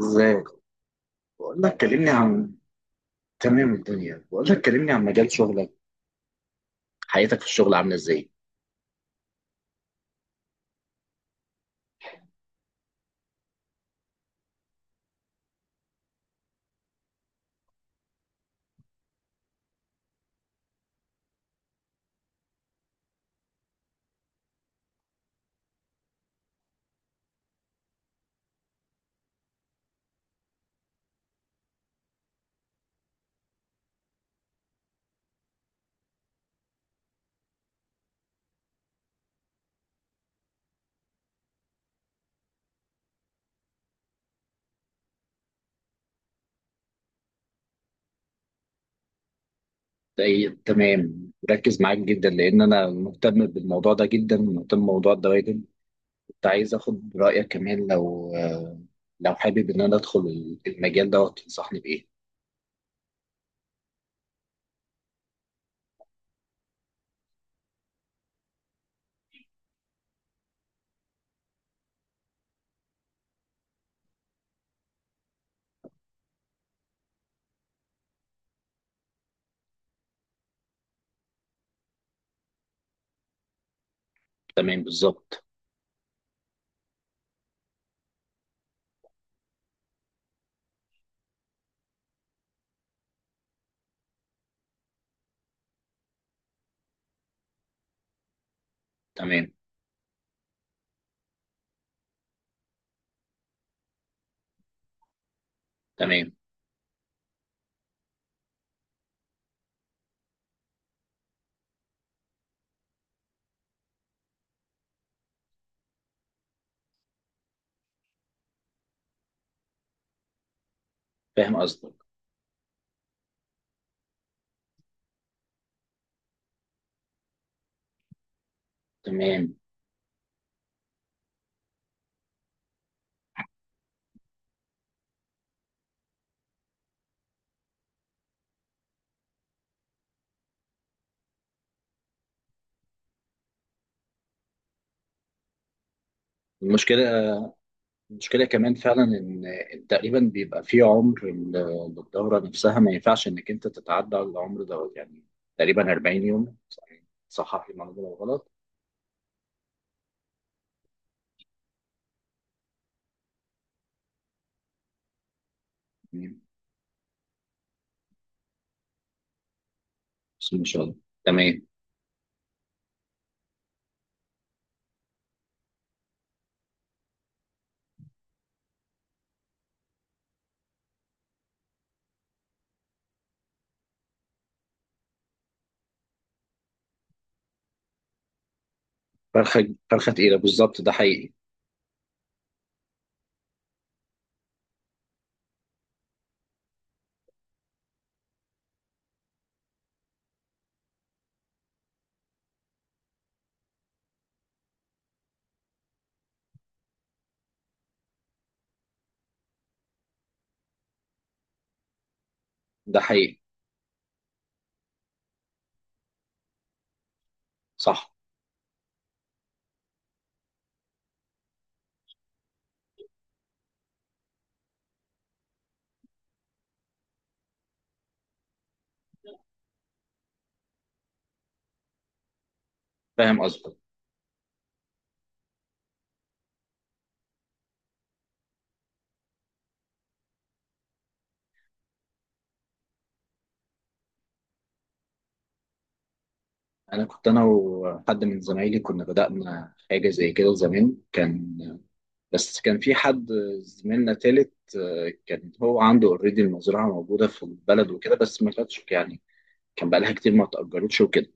ازيك. بقول لك كلمني عن. تمام الدنيا، بقول لك كلمني عن مجال شغلك. حياتك في الشغل عامله ازاي؟ تمام، مركز معاك جدا لان انا مهتم بالموضوع ده، جدا مهتم بموضوع الدوائر. كنت عايز اخد رايك كمان لو لو حابب ان انا ادخل المجال ده، تنصحني بايه؟ تمام بالظبط. تمام. تمام. فاهم قصدك. تمام. المشكله، المشكلة كمان فعلا إن تقريبا بيبقى في عمر للدورة نفسها، ما ينفعش إنك أنت تتعدى على العمر دوت، يعني تقريبا 40 يوم. صحح لي المعلومة لو غلط. بس إن شاء الله. تمام. فرخة، فرخة تقيلة بالظبط، ده حقيقي. ده حقيقي. صح. فاهم قصدك. أنا كنت أنا وحد من زمايلي، كنا بدأنا حاجة زي كده زمان. كان، بس كان في حد، زميلنا تالت، كان هو عنده اوريدي المزرعة موجودة في البلد وكده، بس ما كانتش، يعني كان بقالها كتير ما اتأجرتش وكده،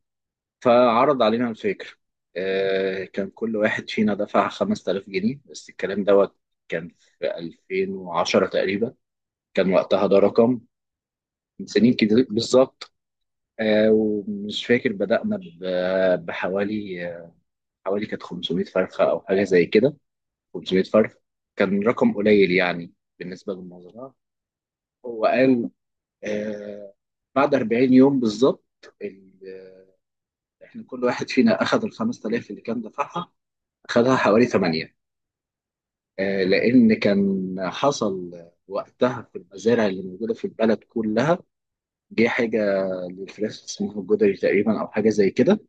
فعرض علينا الفكرة. كان كل واحد فينا دفع 5000 جنيه بس، الكلام دوت كان في 2010 تقريبا. كان وقتها ده رقم. من سنين كتير بالظبط. ومش فاكر بدأنا بحوالي، حوالي كانت 500 فرخة أو حاجة زي كده. 500 فرخة، كان رقم قليل يعني بالنسبة للمزرعة. هو قال، آه، بعد 40 يوم بالظبط، احنا كل واحد فينا اخذ ال 5000 اللي كان دفعها، اخذها حوالي 8. لان كان حصل وقتها في المزارع اللي موجوده في البلد كلها، جه حاجه للفراخ اسمها الجدري تقريبا، او حاجه زي كده.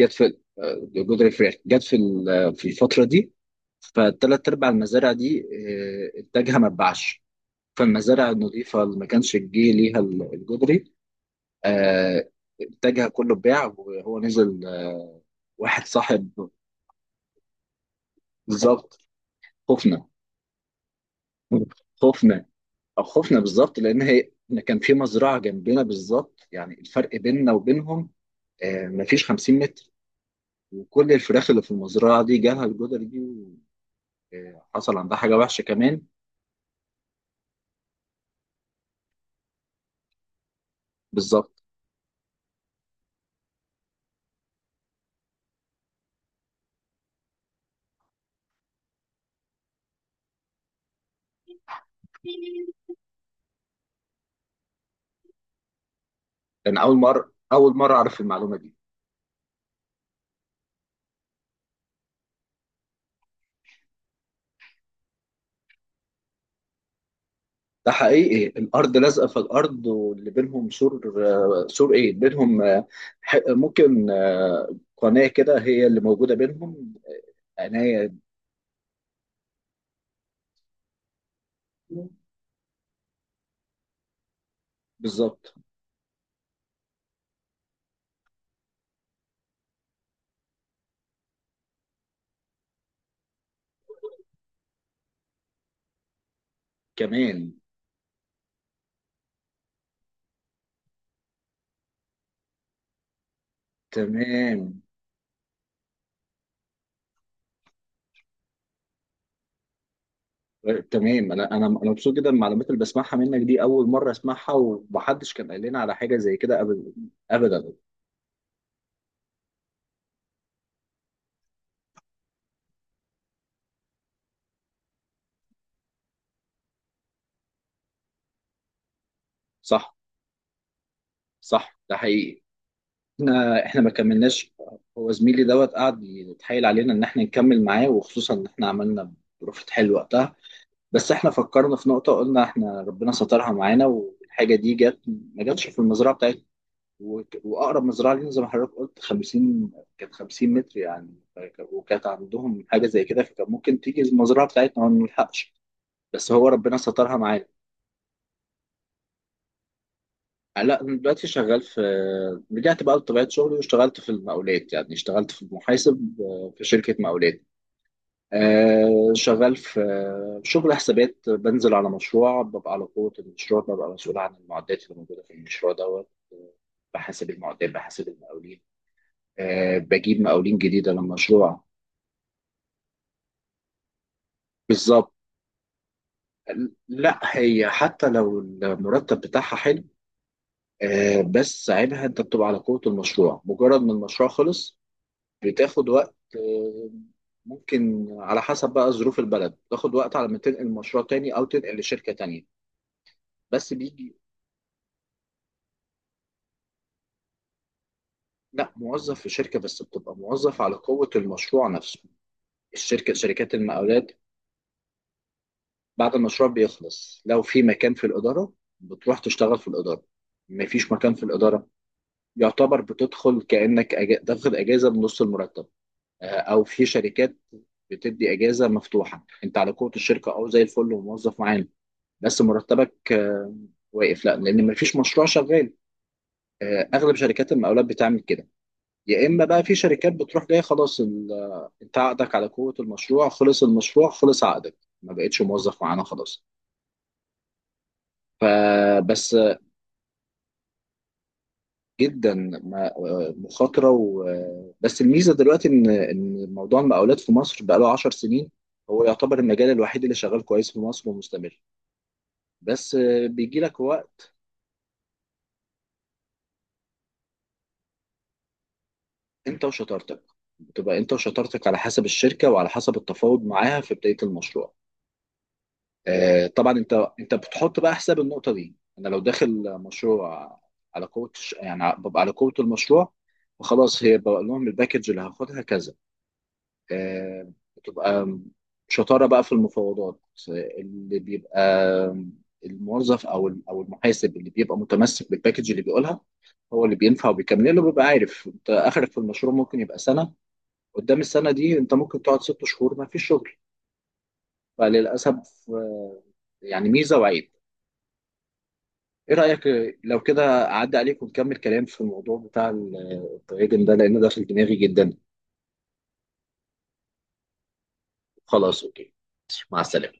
جت في جدري فراخ، جت في في الفتره دي. فالثلاث ارباع المزارع دي، انتاجها ما اتباعش. فالمزارع النظيفه اللي ما كانش جه ليها الجدري، آه، انتاجها كله اتباع وهو نزل. واحد صاحب، بالظبط. خفنا. خفنا. خفنا بالظبط، لان هي إن كان في مزرعه جنبنا بالظبط، يعني الفرق بيننا وبينهم مفيش 50 متر، وكل الفراخ اللي في المزرعه دي جالها الجدر دي، وحصل عندها حاجه وحشه كمان. بالظبط، لان اول مره اعرف المعلومه دي. ده حقيقي، إيه، الارض لازقه في الارض، واللي بينهم سور. سور ايه بينهم، ممكن قناه كده هي اللي موجوده بينهم. عناية. بالظبط. كمان. تمام. تمام، انا مبسوط جدا بالمعلومات اللي بسمعها منك دي، اول مره اسمعها ومحدش كان قال لنا على حاجه زي كده ابدا. ابدا. صح. صح، ده حقيقي. احنا ما كملناش. هو زميلي دوت قعد يتحايل علينا ان احنا نكمل معاه، وخصوصا ان احنا عملنا ظروف حلوه وقتها. بس احنا فكرنا في نقطه، قلنا احنا ربنا سترها معانا، والحاجه دي جت ما جاتش في المزرعه بتاعتنا. واقرب مزرعه ليهم زي ما حضرتك قلت 50، كانت 50 متر يعني. وكانت عندهم حاجه زي كده، فكان ممكن تيجي المزرعه بتاعتنا وما نلحقش، بس هو ربنا سترها معانا. لا، أنا دلوقتي شغال في، رجعت بقى لطبيعه شغلي واشتغلت في المقاولات، يعني اشتغلت في المحاسب، في شركه مقاولات. شغال في شغل حسابات، بنزل على مشروع، ببقى على قوة المشروع، ببقى مسؤول عن المعدات اللي موجودة في المشروع دوت. بحاسب المعدات، بحاسب المقاولين، بجيب مقاولين جديدة للمشروع. بالظبط. لا، هي حتى لو المرتب بتاعها حلو، بس عيبها انت بتبقى على قوة المشروع، مجرد ما المشروع خلص بتاخد وقت. ممكن على حسب بقى ظروف البلد تاخد وقت على ما تنقل مشروع تاني، او تنقل لشركة تانية. بس بيجي. لا، موظف في شركة، بس بتبقى موظف على قوة المشروع نفسه. الشركة، شركات المقاولات. بعد المشروع بيخلص، لو في مكان في الإدارة بتروح تشتغل في الإدارة. مفيش مكان في الإدارة، يعتبر بتدخل كأنك تاخد أجازة بنص المرتب. أو في شركات بتدي أجازة مفتوحة، أنت على قوة الشركة أو زي الفل وموظف معانا، بس مرتبك واقف، لا لأن مفيش مشروع شغال. أغلب شركات المقاولات بتعمل كده. يا إما بقى في شركات بتروح جاية خلاص ال... آه، أنت عقدك على قوة المشروع، خلص المشروع خلص عقدك، ما بقتش موظف معانا خلاص. فبس. جدا. ما- مخاطره و... بس الميزه دلوقتي، ان موضوع المقاولات في مصر بقى له 10 سنين، هو يعتبر المجال الوحيد اللي شغال كويس في مصر ومستمر. بس بيجي لك وقت. انت وشطارتك. بتبقى انت وشطارتك على حسب الشركه، وعلى حسب التفاوض معاها في بدايه المشروع. طبعا انت بتحط بقى حساب النقطه دي. انا لو داخل مشروع على يعني ببقى على قوه المشروع، فخلاص هي بقول لهم الباكج اللي هاخدها كذا. بتبقى شطارة بقى في المفاوضات. اللي بيبقى الموظف او المحاسب اللي بيبقى متمسك بالباكج اللي بيقولها، هو اللي بينفع وبيكمل له، بيبقى عارف انت اخرك في المشروع ممكن يبقى سنة، قدام السنة دي انت ممكن تقعد 6 شهور ما فيش شغل. فللاسف. آه، يعني ميزة وعيب. ايه رأيك لو كده اعدي عليك ونكمل كلام في الموضوع بتاع التراجم ده، لان ده في دماغي جدا. خلاص اوكي. مع السلامة.